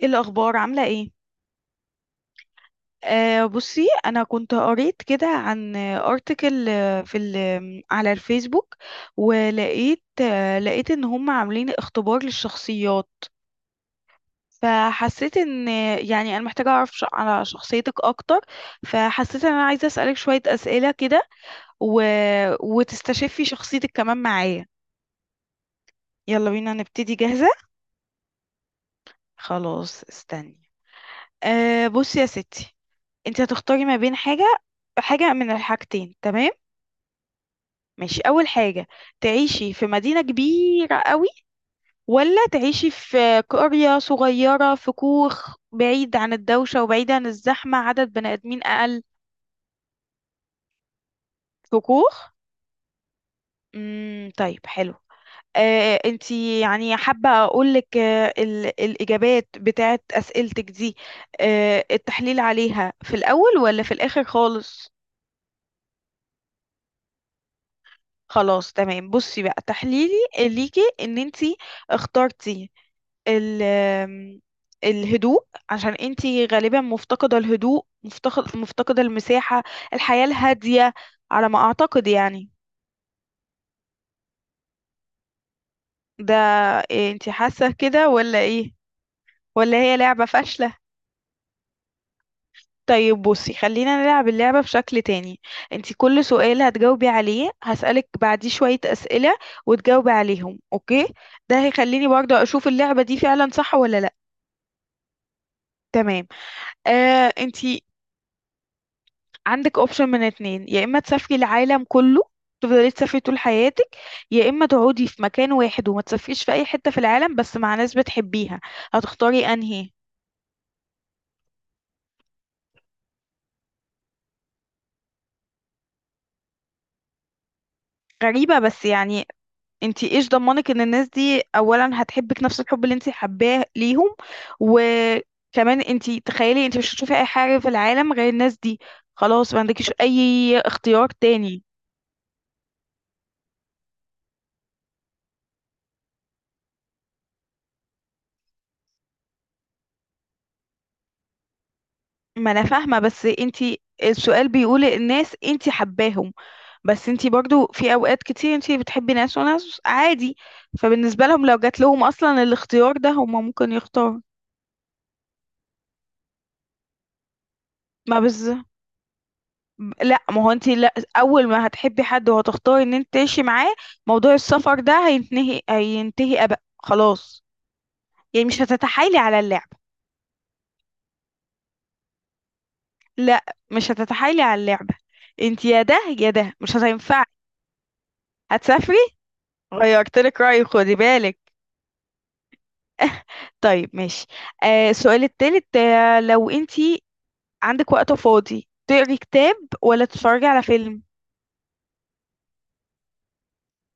ايه الاخبار، عامله ايه؟ بصي، انا كنت قريت كده عن ارتكل في على الفيسبوك، ولقيت لقيت ان هم عاملين اختبار للشخصيات. فحسيت ان، يعني انا محتاجه اعرف على شخصيتك اكتر. فحسيت ان انا عايزه اسالك شويه اسئله كده، و... وتستشفي شخصيتك كمان معايا. يلا بينا نبتدي، جاهزه؟ خلاص استني. بصي يا ستي، انت هتختاري ما بين حاجه، حاجه من الحاجتين، تمام؟ ماشي، أول حاجة، تعيشي في مدينة كبيرة قوي، ولا تعيشي في قرية صغيرة في كوخ بعيد عن الدوشة وبعيد عن الزحمة، عدد بني آدمين أقل؟ في كوخ؟ امم، طيب، حلو. انتي يعني حابة أقولك الإجابات بتاعت أسئلتك دي، التحليل عليها في الأول ولا في الآخر خالص؟ خلاص تمام. بصي بقى، تحليلي ليكي ان انتي اخترتي ال آم، الهدوء، عشان انتي غالبا مفتقدة الهدوء، مفتقدة المساحة، الحياة الهادية، على ما اعتقد يعني. ده، إيه، انتي حاسة كده ولا ايه، ولا هي لعبة فاشلة؟ طيب بصي، خلينا نلعب اللعبة بشكل تاني. انتي كل سؤال هتجاوبي عليه هسألك بعديه شوية أسئلة وتجاوبي عليهم، اوكي؟ ده هيخليني برضه اشوف اللعبة دي فعلا صح ولا لا. تمام. انتي عندك اوبشن من اتنين، يا اما تسافري العالم كله، تفضلي تسافري طول حياتك، يا اما تقعدي في مكان واحد وما تسافريش في اي حتة في العالم بس مع ناس بتحبيها. هتختاري انهي؟ غريبة بس يعني، انتي ايش ضمنك ان الناس دي اولا هتحبك نفس الحب اللي انتي حباه ليهم؟ وكمان انتي تخيلي انتي مش هتشوفي اي حاجة في العالم غير الناس دي، خلاص، ما عندكيش اي اختيار تاني. ما انا فاهمة، بس انتي السؤال بيقول الناس انتي حباهم، بس انتي برضو في اوقات كتير انتي بتحبي ناس وناس عادي، فبالنسبة لهم لو جات لهم اصلا الاختيار ده هم ممكن يختاروا. ما بز لا، ما هو انتي لا اول ما هتحبي حد وهتختاري ان انت تعيشي معاه، موضوع السفر ده هينتهي، ابق خلاص. يعني مش هتتحايلي على اللعبة. لا، مش هتتحايلي على اللعبة. انتي يا ده، يا ده، مش هتنفع. هتسافري؟ غيرتلك رأيي، خدي بالك. طيب ماشي. السؤال التالت، لو انت عندك وقت فاضي، تقري كتاب ولا تتفرجي على فيلم؟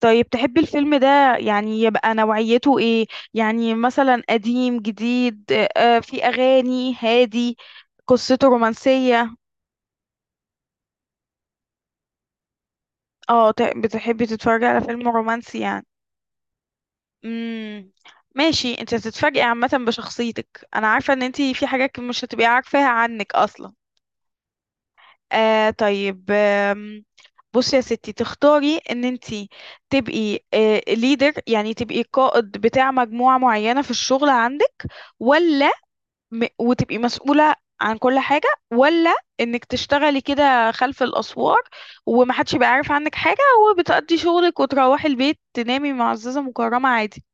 طيب تحبي الفيلم ده يعني يبقى نوعيته ايه؟ يعني مثلا قديم، جديد، في اغاني هادي، قصته رومانسية. اه، بتحبي تتفرجي على فيلم رومانسي يعني. امم، ماشي. انت هتتفاجئي عامة بشخصيتك، انا عارفة ان انت في حاجات مش هتبقي عارفاها عنك اصلا. طيب، بصي يا ستي، تختاري ان انتي تبقي ليدر، يعني تبقي قائد بتاع مجموعة معينة في الشغل عندك، ولا وتبقي مسؤولة عن كل حاجة، ولا انك تشتغلي كده خلف الأسوار ومحدش يبقى عارف عنك حاجة، وبتقضي شغلك وتروحي البيت تنامي معززة مكرمة عادي؟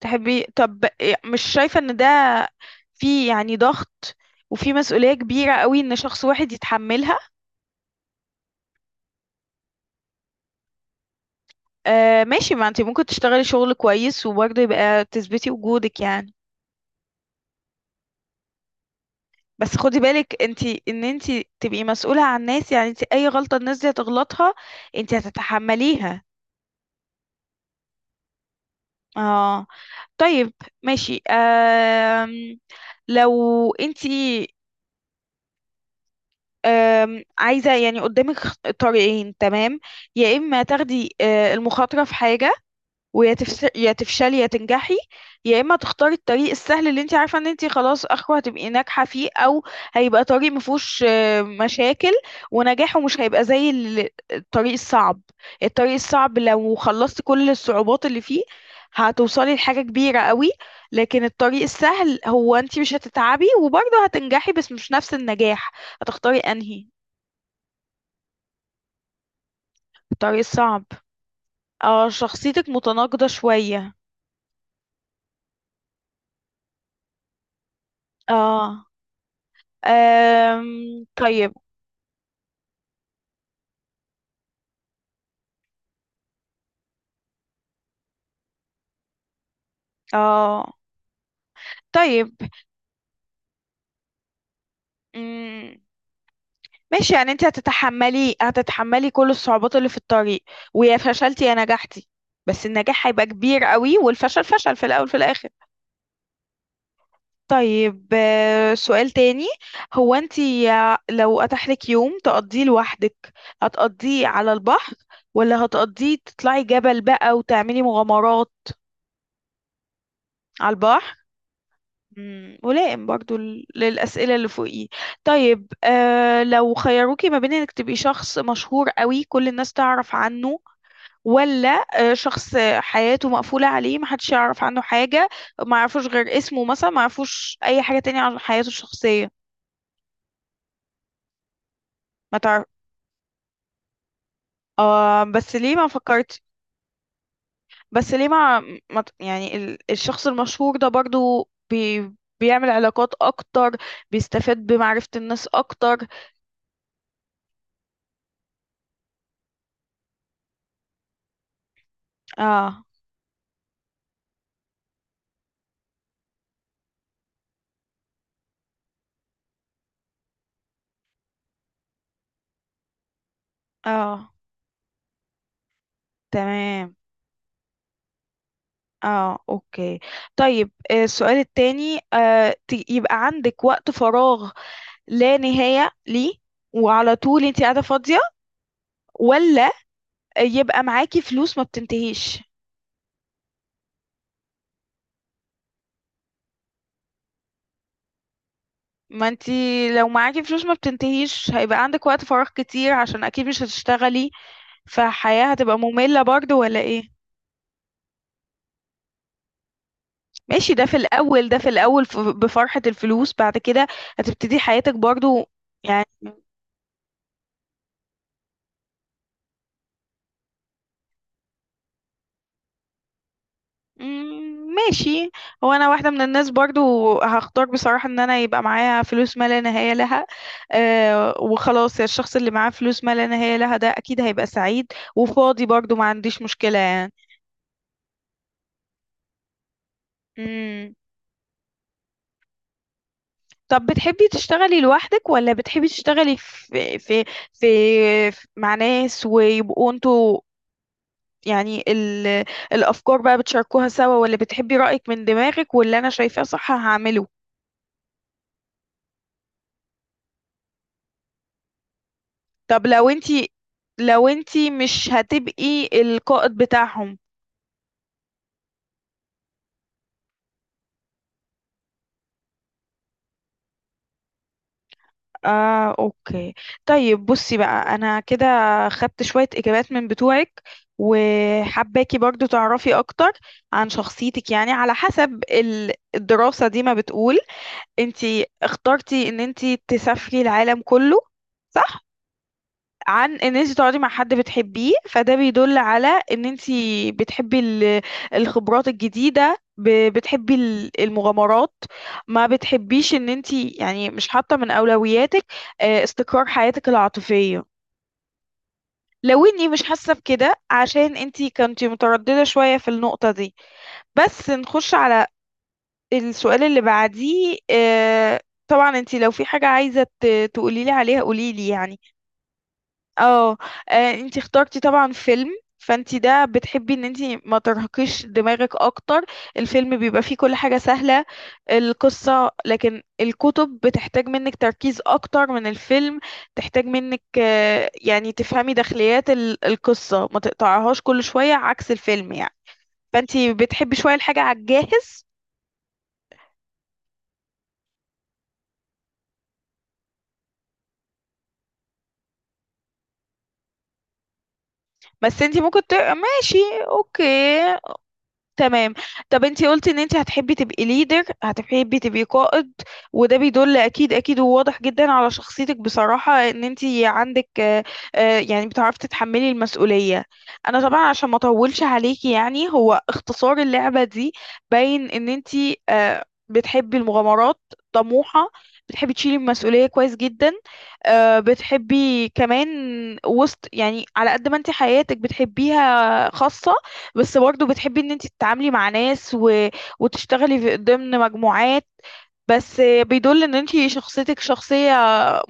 تحبي، طب إيه، مش شايفة ان ده في يعني ضغط وفي مسؤولية كبيرة قوي ان شخص واحد يتحملها؟ ماشي، ما انت ممكن تشتغلي شغل كويس وبرضه يبقى تثبتي وجودك يعني. بس خدي بالك انت، ان انت تبقي مسؤولة عن الناس، يعني انت اي غلطة الناس دي هتغلطها انت هتتحمليها. اه، طيب ماشي. لو انت، عايزة يعني قدامك طريقين، تمام؟ يا اما تاخدي المخاطرة في حاجة، يا تفشلي يا تنجحي، يا اما تختاري الطريق السهل اللي انت عارفه ان انت خلاص اخره هتبقي ناجحه فيه، او هيبقى طريق مفهوش مشاكل، ونجاحه مش هيبقى زي الطريق الصعب. الطريق الصعب لو خلصتي كل الصعوبات اللي فيه هتوصلي لحاجه كبيره قوي، لكن الطريق السهل هو انت مش هتتعبي وبرضه هتنجحي بس مش نفس النجاح. هتختاري انهي؟ الطريق الصعب. اه، شخصيتك متناقضه شويه. اه، طيب. اه طيب. مم. ماشي، يعني انت هتتحملي كل الصعوبات اللي في الطريق، ويا فشلتي يا نجحتي، بس النجاح هيبقى كبير قوي والفشل فشل في الاول في الاخر. طيب سؤال تاني، هو انت لو اتاح لك يوم تقضيه لوحدك، هتقضيه على البحر ولا هتقضيه تطلعي جبل بقى وتعملي مغامرات؟ على البحر؟ مم، ملائم برضو للأسئلة اللي فوقيه. طيب لو خيروكي ما بين انك تبقي شخص مشهور قوي كل الناس تعرف عنه، ولا شخص حياته مقفولة عليه محدش يعرف عنه حاجة، ما يعرفوش غير اسمه مثلا، ما يعرفوش أي حاجة تانية عن حياته الشخصية؟ ما تعرف. بس ليه، ما فكرت، بس ليه ما ت- يعني الشخص المشهور ده برضو بيعمل علاقات أكتر، بيستفاد بمعرفة الناس أكتر. اه، اه، تمام. اه، اوكي. طيب السؤال التاني، يبقى عندك وقت فراغ لا نهاية ليه وعلى طول انت قاعدة فاضية، ولا يبقى معاكي فلوس ما بتنتهيش؟ ما انت لو معاكي فلوس ما بتنتهيش هيبقى عندك وقت فراغ كتير عشان اكيد مش هتشتغلي، فحياة هتبقى مملة برضو ولا ايه؟ ماشي، ده في الاول، ده في الاول بفرحة الفلوس، بعد كده هتبتدي حياتك برضو يعني. مم، ماشي. هو انا واحده من الناس برضو هختار بصراحه ان انا يبقى معايا فلوس ما لا نهايه لها. أه، وخلاص الشخص اللي معاه فلوس ما لا نهايه لها ده اكيد هيبقى سعيد وفاضي برضو، ما عنديش مشكله يعني. مم. طب بتحبي تشتغلي لوحدك، ولا بتحبي تشتغلي في مع ناس ويبقوا انتوا يعني الافكار بقى بتشاركوها سوا، ولا بتحبي رايك من دماغك واللي انا شايفاه صح هعمله؟ طب لو انتي لو انتي مش هتبقي القائد بتاعهم؟ اه، اوكي. طيب بصي بقى، انا كده خدت شوية اجابات من بتوعك، وحباكي برضو تعرفي اكتر عن شخصيتك يعني على حسب الدراسة دي ما بتقول. انتي اخترتي ان انتي تسافري العالم كله، صح؟ عن ان انت تقعدي مع حد بتحبيه، فده بيدل على ان انت بتحبي الخبرات الجديدة، بتحبي المغامرات، ما بتحبيش ان انت، يعني مش حاطة من اولوياتك استقرار حياتك العاطفية. لو اني مش حاسة بكده عشان انتي كنتي مترددة شوية في النقطة دي، بس نخش على السؤال اللي بعديه. طبعا انتي لو في حاجة عايزة تقولي لي عليها قولي لي يعني. اه. انتي اخترتي طبعا فيلم، فانتي ده بتحبي ان انتي ما ترهقيش دماغك اكتر، الفيلم بيبقى فيه كل حاجة سهلة، القصة، لكن الكتب بتحتاج منك تركيز اكتر من الفيلم، تحتاج منك يعني تفهمي داخليات القصة، ما تقطعهاش كل شوية عكس الفيلم يعني. فانتي بتحبي شوية الحاجة على الجاهز. بس انتي ممكن تقرا، ماشي، اوكي، تمام. طب انتي قلتي ان انتي هتحبي تبقي ليدر، هتحبي تبقي قائد، وده بيدل اكيد اكيد وواضح جدا على شخصيتك بصراحة ان انتي عندك يعني بتعرفي تتحملي المسؤولية. انا طبعا عشان ما اطولش عليكي يعني، هو اختصار اللعبة دي، باين ان انتي بتحبي المغامرات، طموحة، بتحبي تشيلي المسؤولية كويس جدا، بتحبي كمان وسط يعني، على قد ما انتي حياتك بتحبيها خاصة، بس برضه بتحبي ان انت تتعاملي مع ناس وتشتغلي في ضمن مجموعات. بس بيدل ان انت شخصيتك شخصية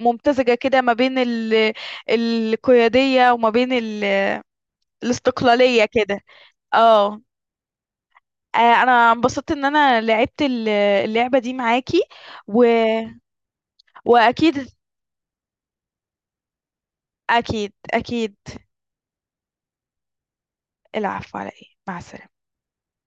ممتزجة كده ما بين القيادية، وما بين الاستقلالية كده. اه. آه، انا انبسطت ان انا لعبت اللعبة دي معاكي و... واكيد، اكيد اكيد. العفو، على ايه، مع السلامة.